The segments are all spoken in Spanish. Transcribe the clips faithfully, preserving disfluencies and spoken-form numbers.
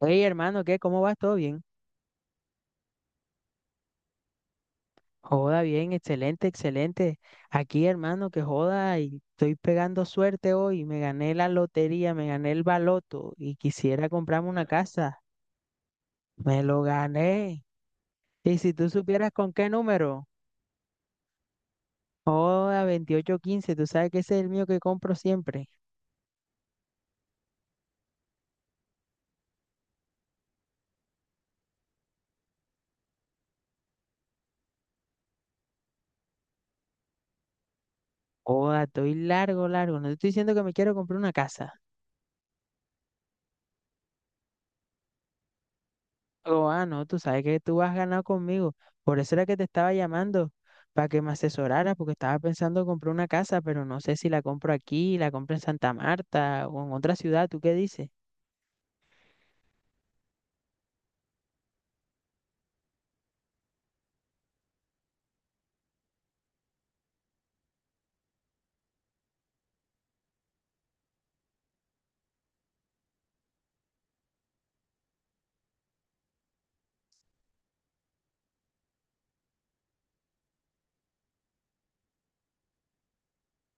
Oye, hermano, ¿qué? ¿Cómo vas? ¿Todo bien? Joda, bien, excelente, excelente. Aquí, hermano, que joda, y estoy pegando suerte hoy. Me gané la lotería, me gané el baloto y quisiera comprarme una casa. Me lo gané. Y si tú supieras con qué número, joda, veintiocho quince, tú sabes que ese es el mío que compro siempre. Joda, estoy largo, largo. No te estoy diciendo que me quiero comprar una casa. Oh, ah, no, tú sabes que tú has ganado conmigo. Por eso era que te estaba llamando, para que me asesorara, porque estaba pensando comprar una casa, pero no sé si la compro aquí, la compro en Santa Marta o en otra ciudad. ¿Tú qué dices?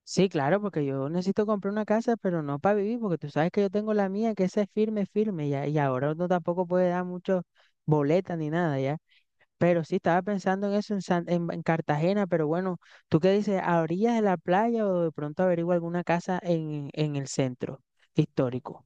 Sí, claro, porque yo necesito comprar una casa, pero no para vivir, porque tú sabes que yo tengo la mía, que esa es firme, firme, y, a- y ahora uno tampoco puede dar mucho boleta ni nada, ¿ya? Pero sí, estaba pensando en eso en, San- en- en Cartagena, pero bueno, ¿tú qué dices? ¿A orillas de la playa o de pronto averigua alguna casa en, en el centro histórico?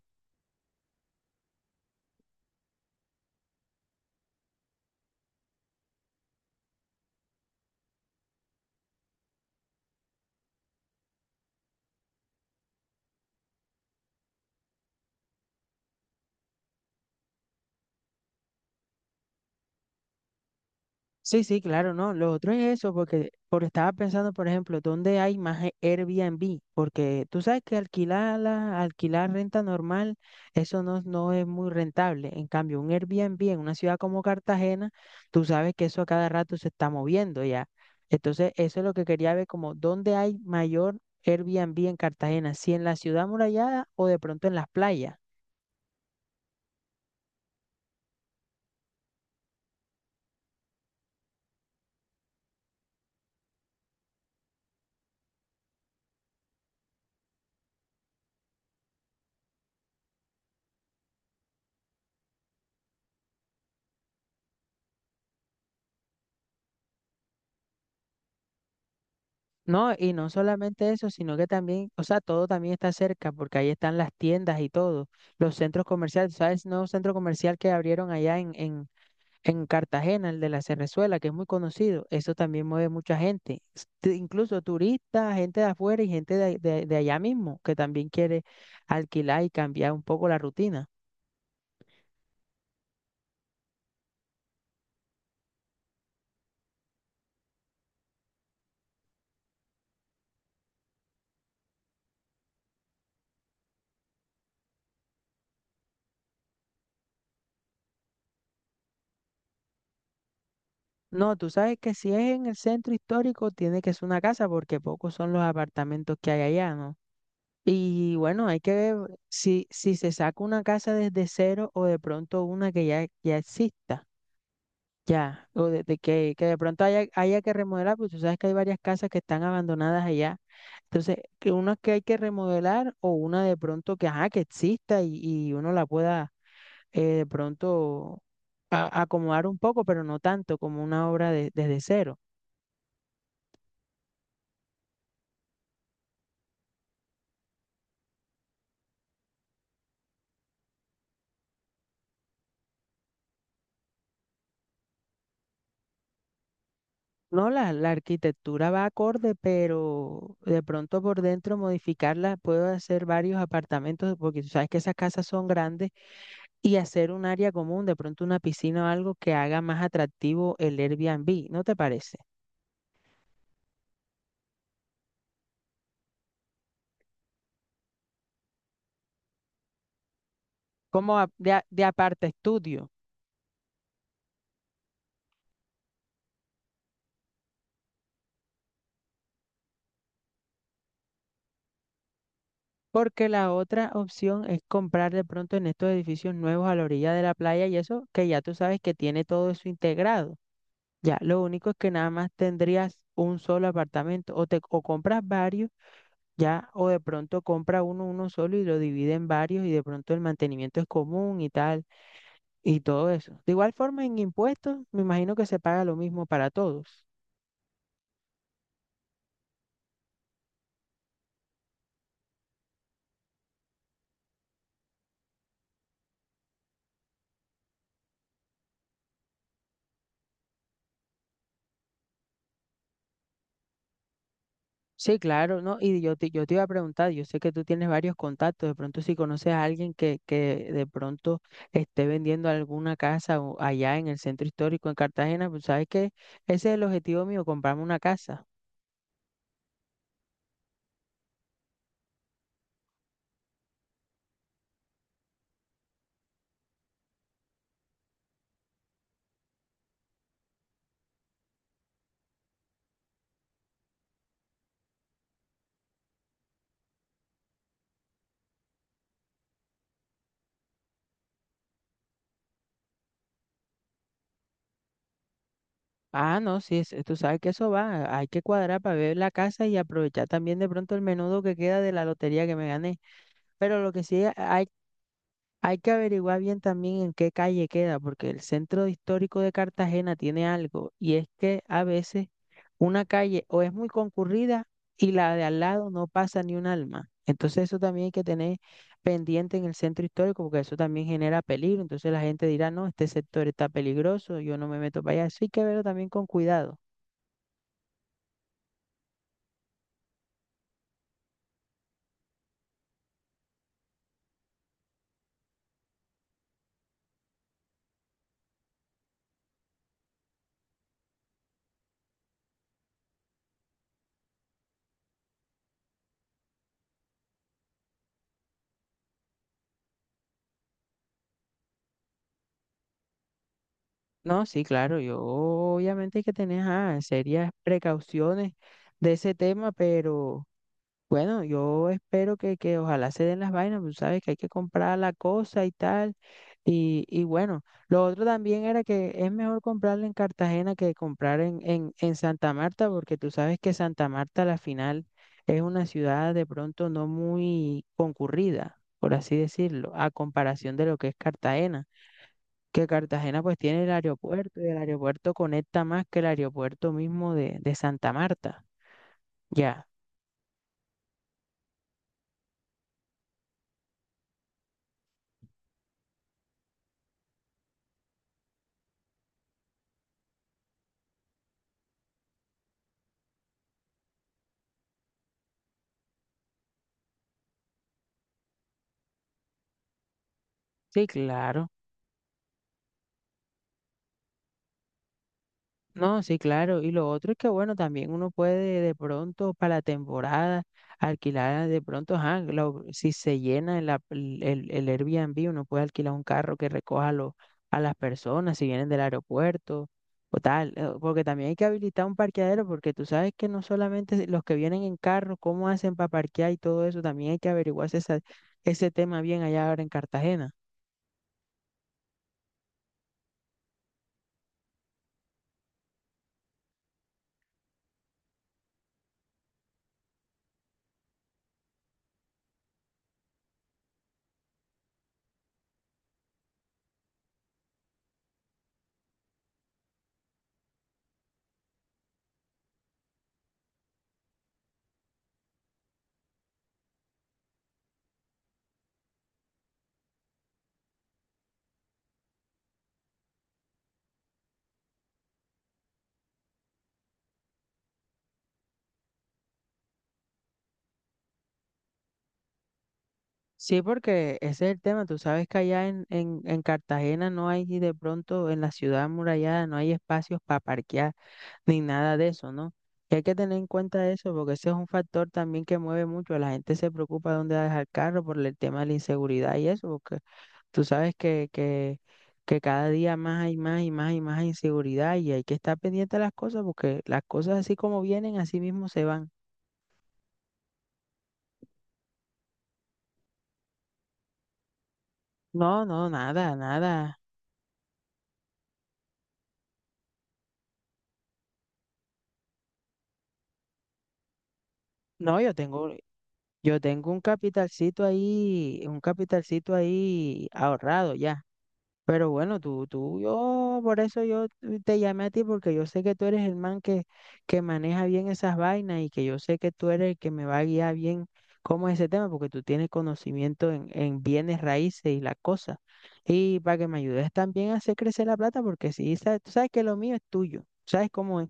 Sí, sí, claro, no. Lo otro es eso, porque, porque estaba pensando, por ejemplo, ¿dónde hay más e- Airbnb? Porque tú sabes que alquilar, la, alquilar renta normal, eso no, no es muy rentable. En cambio, un Airbnb en una ciudad como Cartagena, tú sabes que eso a cada rato se está moviendo ya. Entonces, eso es lo que quería ver, como dónde hay mayor Airbnb en Cartagena, si en la ciudad amurallada o de pronto en las playas. No, y no solamente eso, sino que también, o sea, todo también está cerca, porque ahí están las tiendas y todo, los centros comerciales, ¿sabes? Nuevo centro comercial que abrieron allá en, en, en Cartagena, el de la Cerrezuela, que es muy conocido, eso también mueve mucha gente, s- t- incluso turistas, gente de afuera y gente de, de, de allá mismo, que también quiere alquilar y cambiar un poco la rutina. No, tú sabes que si es en el centro histórico, tiene que ser una casa, porque pocos son los apartamentos que hay allá, ¿no? Y bueno, hay que ver si, si se saca una casa desde cero o de pronto una que ya, ya exista, ya, o de, de que, que de pronto haya, haya que remodelar, pues tú sabes que hay varias casas que están abandonadas allá. Entonces, que una que hay que remodelar o una de pronto que, ajá, que exista y, y uno la pueda eh, de pronto a- acomodar un poco, pero no tanto como una obra de- desde cero. No, la, la arquitectura va acorde, pero de pronto por dentro modificarla, puedo hacer varios apartamentos, porque tú sabes que esas casas son grandes, y hacer un área común, de pronto una piscina o algo que haga más atractivo el Airbnb, ¿no te parece? Como a- de, a- de aparte estudio, porque la otra opción es comprar de pronto en estos edificios nuevos a la orilla de la playa y eso que ya tú sabes que tiene todo eso integrado. Ya, lo único es que nada más tendrías un solo apartamento o te o compras varios. Ya, o de pronto compra uno uno solo y lo divide en varios y de pronto el mantenimiento es común y tal, y todo eso. De igual forma, en impuestos, me imagino que se paga lo mismo para todos. Sí, claro, ¿no? Y yo te, yo te iba a preguntar, yo sé que tú tienes varios contactos, de pronto si conoces a alguien que, que de pronto esté vendiendo alguna casa o allá en el centro histórico en Cartagena, pues sabes que ese es el objetivo mío, comprarme una casa. Ah, no, sí, es- eh, tú sabes que eso va. Hay que cuadrar para ver la casa y aprovechar también de pronto el menudo que queda de la lotería que me gané. Pero lo que sí hay, hay que averiguar bien también en qué calle queda, porque el centro histórico de Cartagena tiene algo y es que a veces una calle o es muy concurrida y la de al lado no pasa ni un alma. Entonces eso también hay que tener pendiente en el centro histórico porque eso también genera peligro. Entonces la gente dirá, no, este sector está peligroso, yo no me meto para allá. Eso hay que verlo también con cuidado. No, sí, claro, yo obviamente hay que tener ajá, serias precauciones de ese tema, pero bueno, yo espero que, que ojalá se den las vainas, pues, tú sabes que hay que comprar la cosa y tal, y, y bueno, lo otro también era que es mejor comprarla en Cartagena que comprar en, en, en Santa Marta, porque tú sabes que Santa Marta a la final es una ciudad de pronto no muy concurrida, por así decirlo, a comparación de lo que es Cartagena, que Cartagena pues tiene el aeropuerto y el aeropuerto conecta más que el aeropuerto mismo de, de Santa Marta. Ya, sí, claro. No, sí, claro. Y lo otro es que, bueno, también uno puede de pronto para la temporada alquilar de pronto, ajá, lo- si se llena el, ap- el, el- el Airbnb, uno puede alquilar un carro que recoja lo- a las personas si vienen del aeropuerto o tal. eh, Porque también hay que habilitar un parqueadero porque tú sabes que no solamente los que vienen en carro, cómo hacen para parquear y todo eso, también hay que averiguarse esa- ese tema bien allá ahora en Cartagena. Sí, porque ese es el tema. Tú sabes que allá en, en, en Cartagena no hay y de pronto en la ciudad amurallada no hay espacios para parquear ni nada de eso, ¿no? Y hay que tener en cuenta eso porque ese es un factor también que mueve mucho. La gente se preocupa dónde va a dejar el carro por el tema de la inseguridad y eso, porque tú sabes que, que, que cada día más hay más y más y más inseguridad y hay que estar pendiente de las cosas porque las cosas así como vienen, así mismo se van. No, no, nada, nada. No, yo tengo, Yo tengo un capitalcito ahí, un capitalcito ahí ahorrado ya. Pero bueno, tú, tú, yo, por eso yo te llamé a ti, porque yo sé que tú eres el man que, que maneja bien esas vainas y que yo sé que tú eres el que me va a guiar bien cómo es ese tema, porque tú tienes conocimiento en, en bienes raíces y las cosas. Y para que me ayudes también a hacer crecer la plata, porque sí, sa- tú sabes que lo mío es tuyo. ¿Sabes cómo es?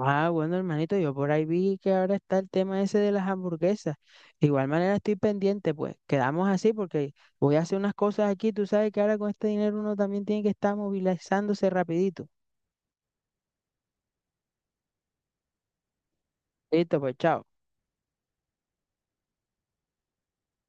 Ah, bueno, hermanito, yo por ahí vi que ahora está el tema ese de las hamburguesas. De igual manera estoy pendiente, pues quedamos así porque voy a hacer unas cosas aquí. Tú sabes que ahora con este dinero uno también tiene que estar movilizándose rapidito. Listo, pues chao.